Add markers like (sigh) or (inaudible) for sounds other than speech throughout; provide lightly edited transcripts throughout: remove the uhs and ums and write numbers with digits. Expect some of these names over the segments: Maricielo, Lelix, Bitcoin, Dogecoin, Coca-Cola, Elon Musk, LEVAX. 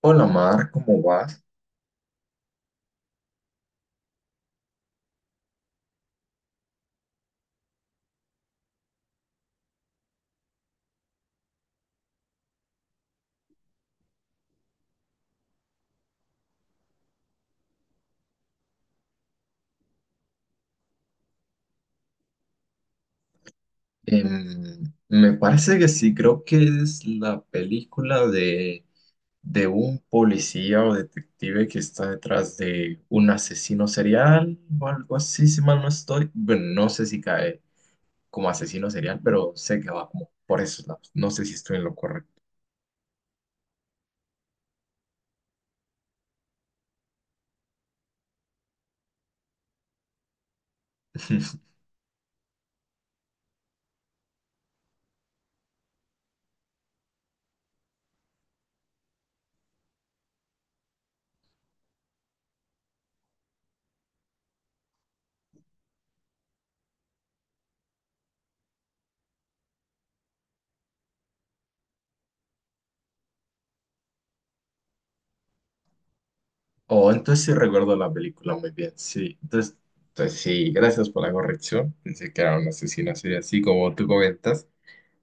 Hola, Mar, ¿cómo vas? Em, Me parece que sí, creo que es la película de un policía o detective que está detrás de un asesino serial o algo así, si mal no estoy. Bueno, no sé si cae como asesino serial, pero sé que va como por esos lados. No sé si estoy en lo correcto. (laughs) Oh, entonces sí recuerdo la película muy bien, sí. Entonces sí, gracias por la corrección. Pensé que era un asesino serial, así como tú comentas.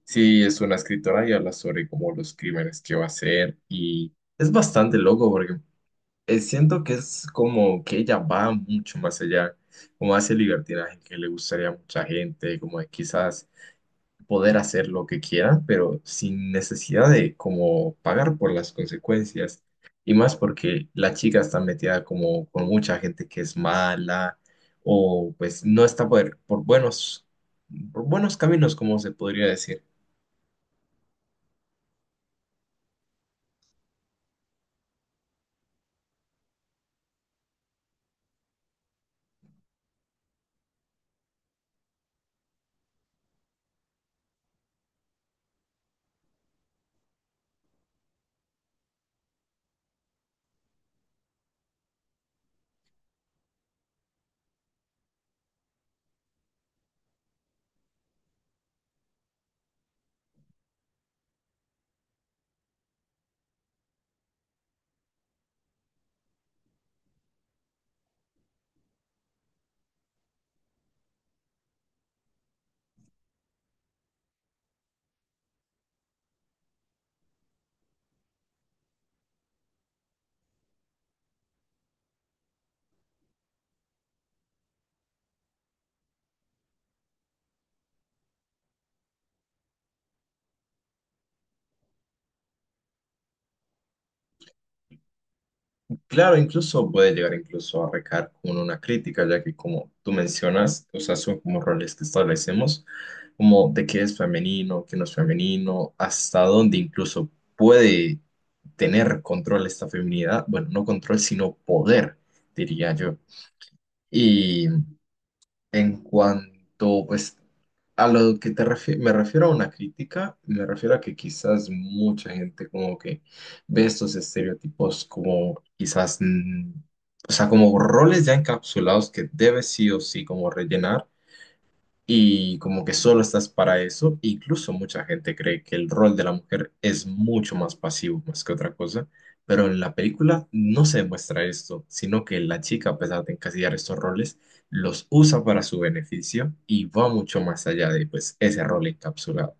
Sí, es una escritora y habla sobre como los crímenes que va a hacer y es bastante loco porque siento que es como que ella va mucho más allá, como hace libertinaje que le gustaría a mucha gente, como de quizás poder hacer lo que quiera, pero sin necesidad de como pagar por las consecuencias. Y más porque la chica está metida como con mucha gente que es mala o pues no está por buenos caminos, como se podría decir. Claro, incluso puede llegar incluso a recaer con una crítica, ya que como tú mencionas, o sea, son como roles que establecemos, como de qué es femenino, qué no es femenino, hasta dónde incluso puede tener control esta feminidad, bueno, no control, sino poder, diría yo. Y en cuanto, pues, a lo que me refiero a una crítica, me refiero a que quizás mucha gente como que ve estos estereotipos como quizás, o sea, como roles ya encapsulados que debe sí o sí como rellenar y como que solo estás para eso. Incluso mucha gente cree que el rol de la mujer es mucho más pasivo más que otra cosa, pero en la película no se demuestra esto, sino que la chica, a pesar de encasillar estos roles, los usa para su beneficio y va mucho más allá de pues ese rol encapsulado.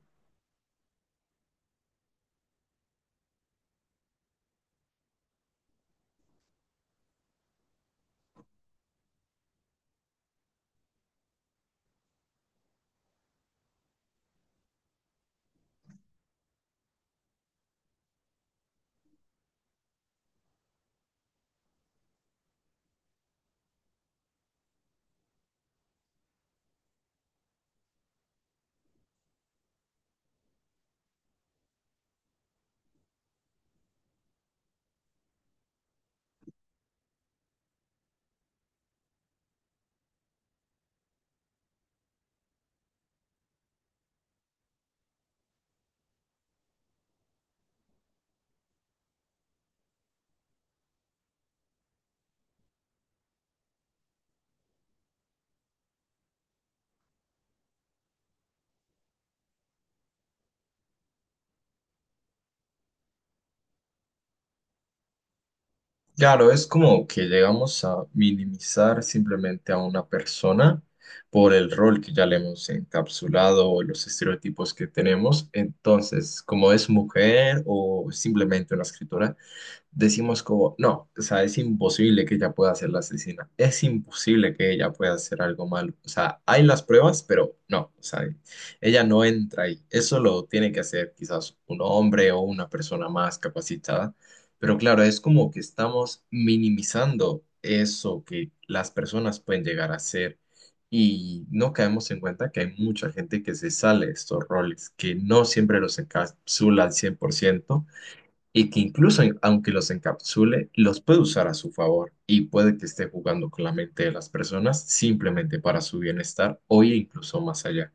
Claro, es como que llegamos a minimizar simplemente a una persona por el rol que ya le hemos encapsulado o los estereotipos que tenemos. Entonces, como es mujer o simplemente una escritora, decimos como, no, o sea, es imposible que ella pueda ser la asesina, es imposible que ella pueda hacer algo malo, o sea, hay las pruebas, pero no, o sea, ella no entra ahí, eso lo tiene que hacer quizás un hombre o una persona más capacitada, pero claro, es como que estamos minimizando eso que las personas pueden llegar a hacer. Y no caemos en cuenta que hay mucha gente que se sale de estos roles, que no siempre los encapsula al 100% y que incluso aunque los encapsule, los puede usar a su favor y puede que esté jugando con la mente de las personas simplemente para su bienestar o incluso más allá.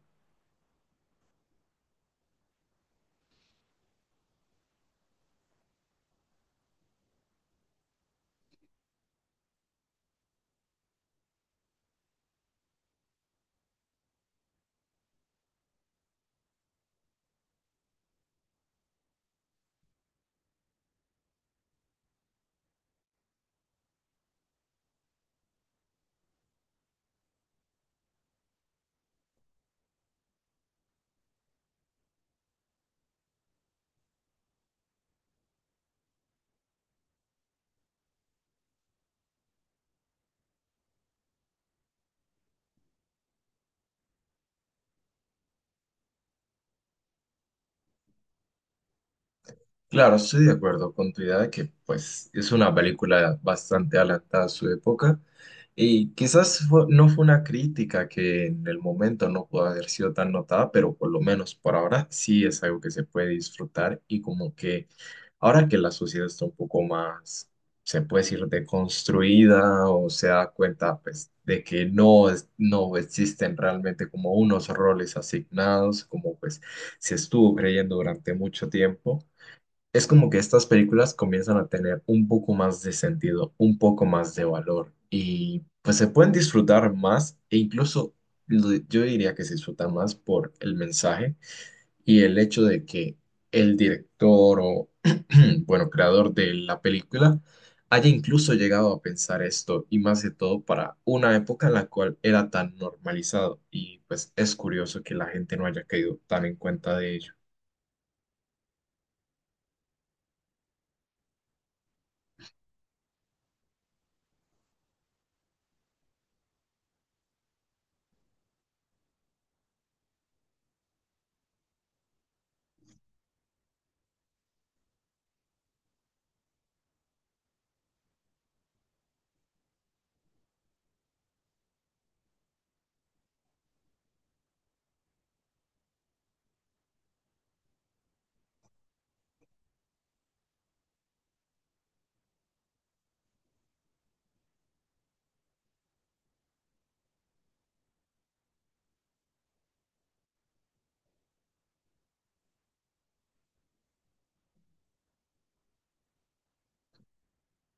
Claro, estoy de acuerdo con tu idea de que pues es una película bastante adelantada a su época y quizás no fue una crítica que en el momento no pudo haber sido tan notada, pero por lo menos por ahora sí es algo que se puede disfrutar y como que ahora que la sociedad está un poco más, se puede decir, deconstruida o se da cuenta pues de que no, no existen realmente como unos roles asignados, como pues se estuvo creyendo durante mucho tiempo. Es como que estas películas comienzan a tener un poco más de sentido, un poco más de valor y pues se pueden disfrutar más e incluso yo diría que se disfruta más por el mensaje y el hecho de que el director o, (clears throat) bueno, creador de la película haya incluso llegado a pensar esto y más de todo para una época en la cual era tan normalizado y pues es curioso que la gente no haya caído tan en cuenta de ello.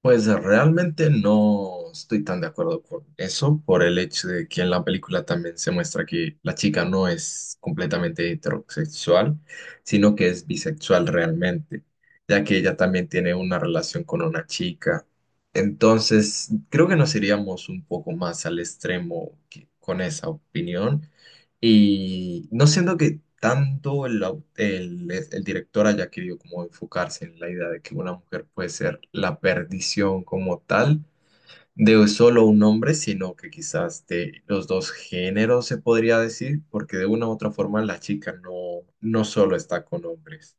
Pues realmente no estoy tan de acuerdo con eso, por el hecho de que en la película también se muestra que la chica no es completamente heterosexual, sino que es bisexual realmente, ya que ella también tiene una relación con una chica. Entonces, creo que nos iríamos un poco más al extremo con esa opinión. Y no siento que tanto el director haya querido como enfocarse en la idea de que una mujer puede ser la perdición como tal de solo un hombre, sino que quizás de los dos géneros se podría decir, porque de una u otra forma la chica no, no solo está con hombres.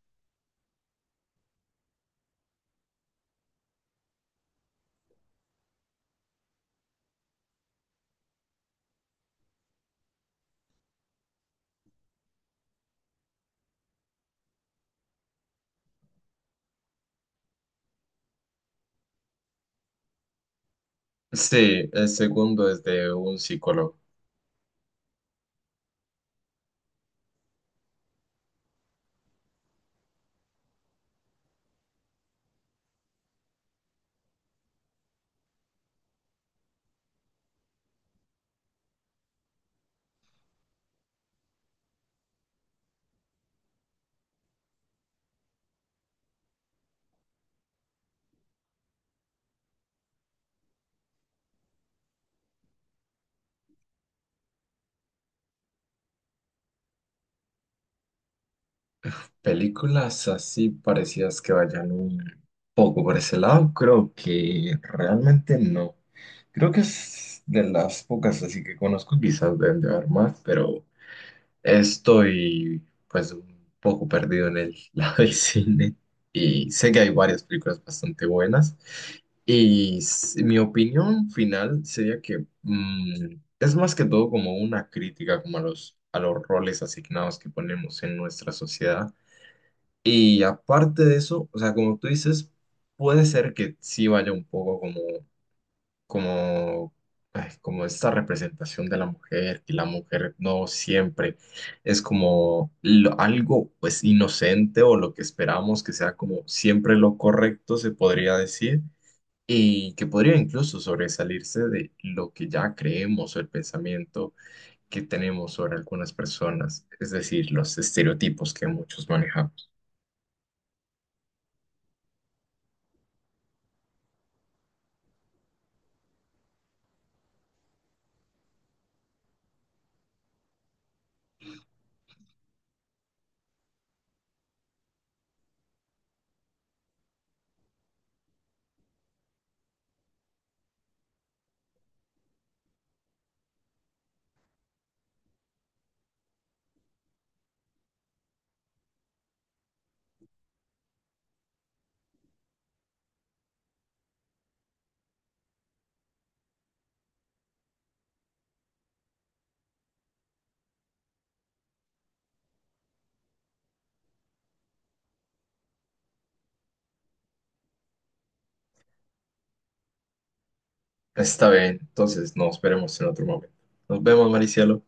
Sí, el segundo es de un psicólogo. Películas así parecidas que vayan un poco por ese lado, creo que realmente no. Creo que es de las pocas así que conozco, quizás deben de haber más, pero estoy pues un poco perdido en el (laughs) lado del cine y sé que hay varias películas bastante buenas y mi opinión final sería que es más que todo como una crítica como a los roles asignados que ponemos en nuestra sociedad y aparte de eso, o sea, como tú dices, puede ser que sí vaya un poco como, ay, como esta representación de la mujer, que la mujer no siempre es como algo pues inocente o lo que esperamos que sea como siempre lo correcto, se podría decir, y que podría incluso sobresalirse de lo que ya creemos o el pensamiento que tenemos sobre algunas personas, es decir, los estereotipos que muchos manejamos. Está bien, entonces nos veremos en otro momento. Nos vemos, Maricielo.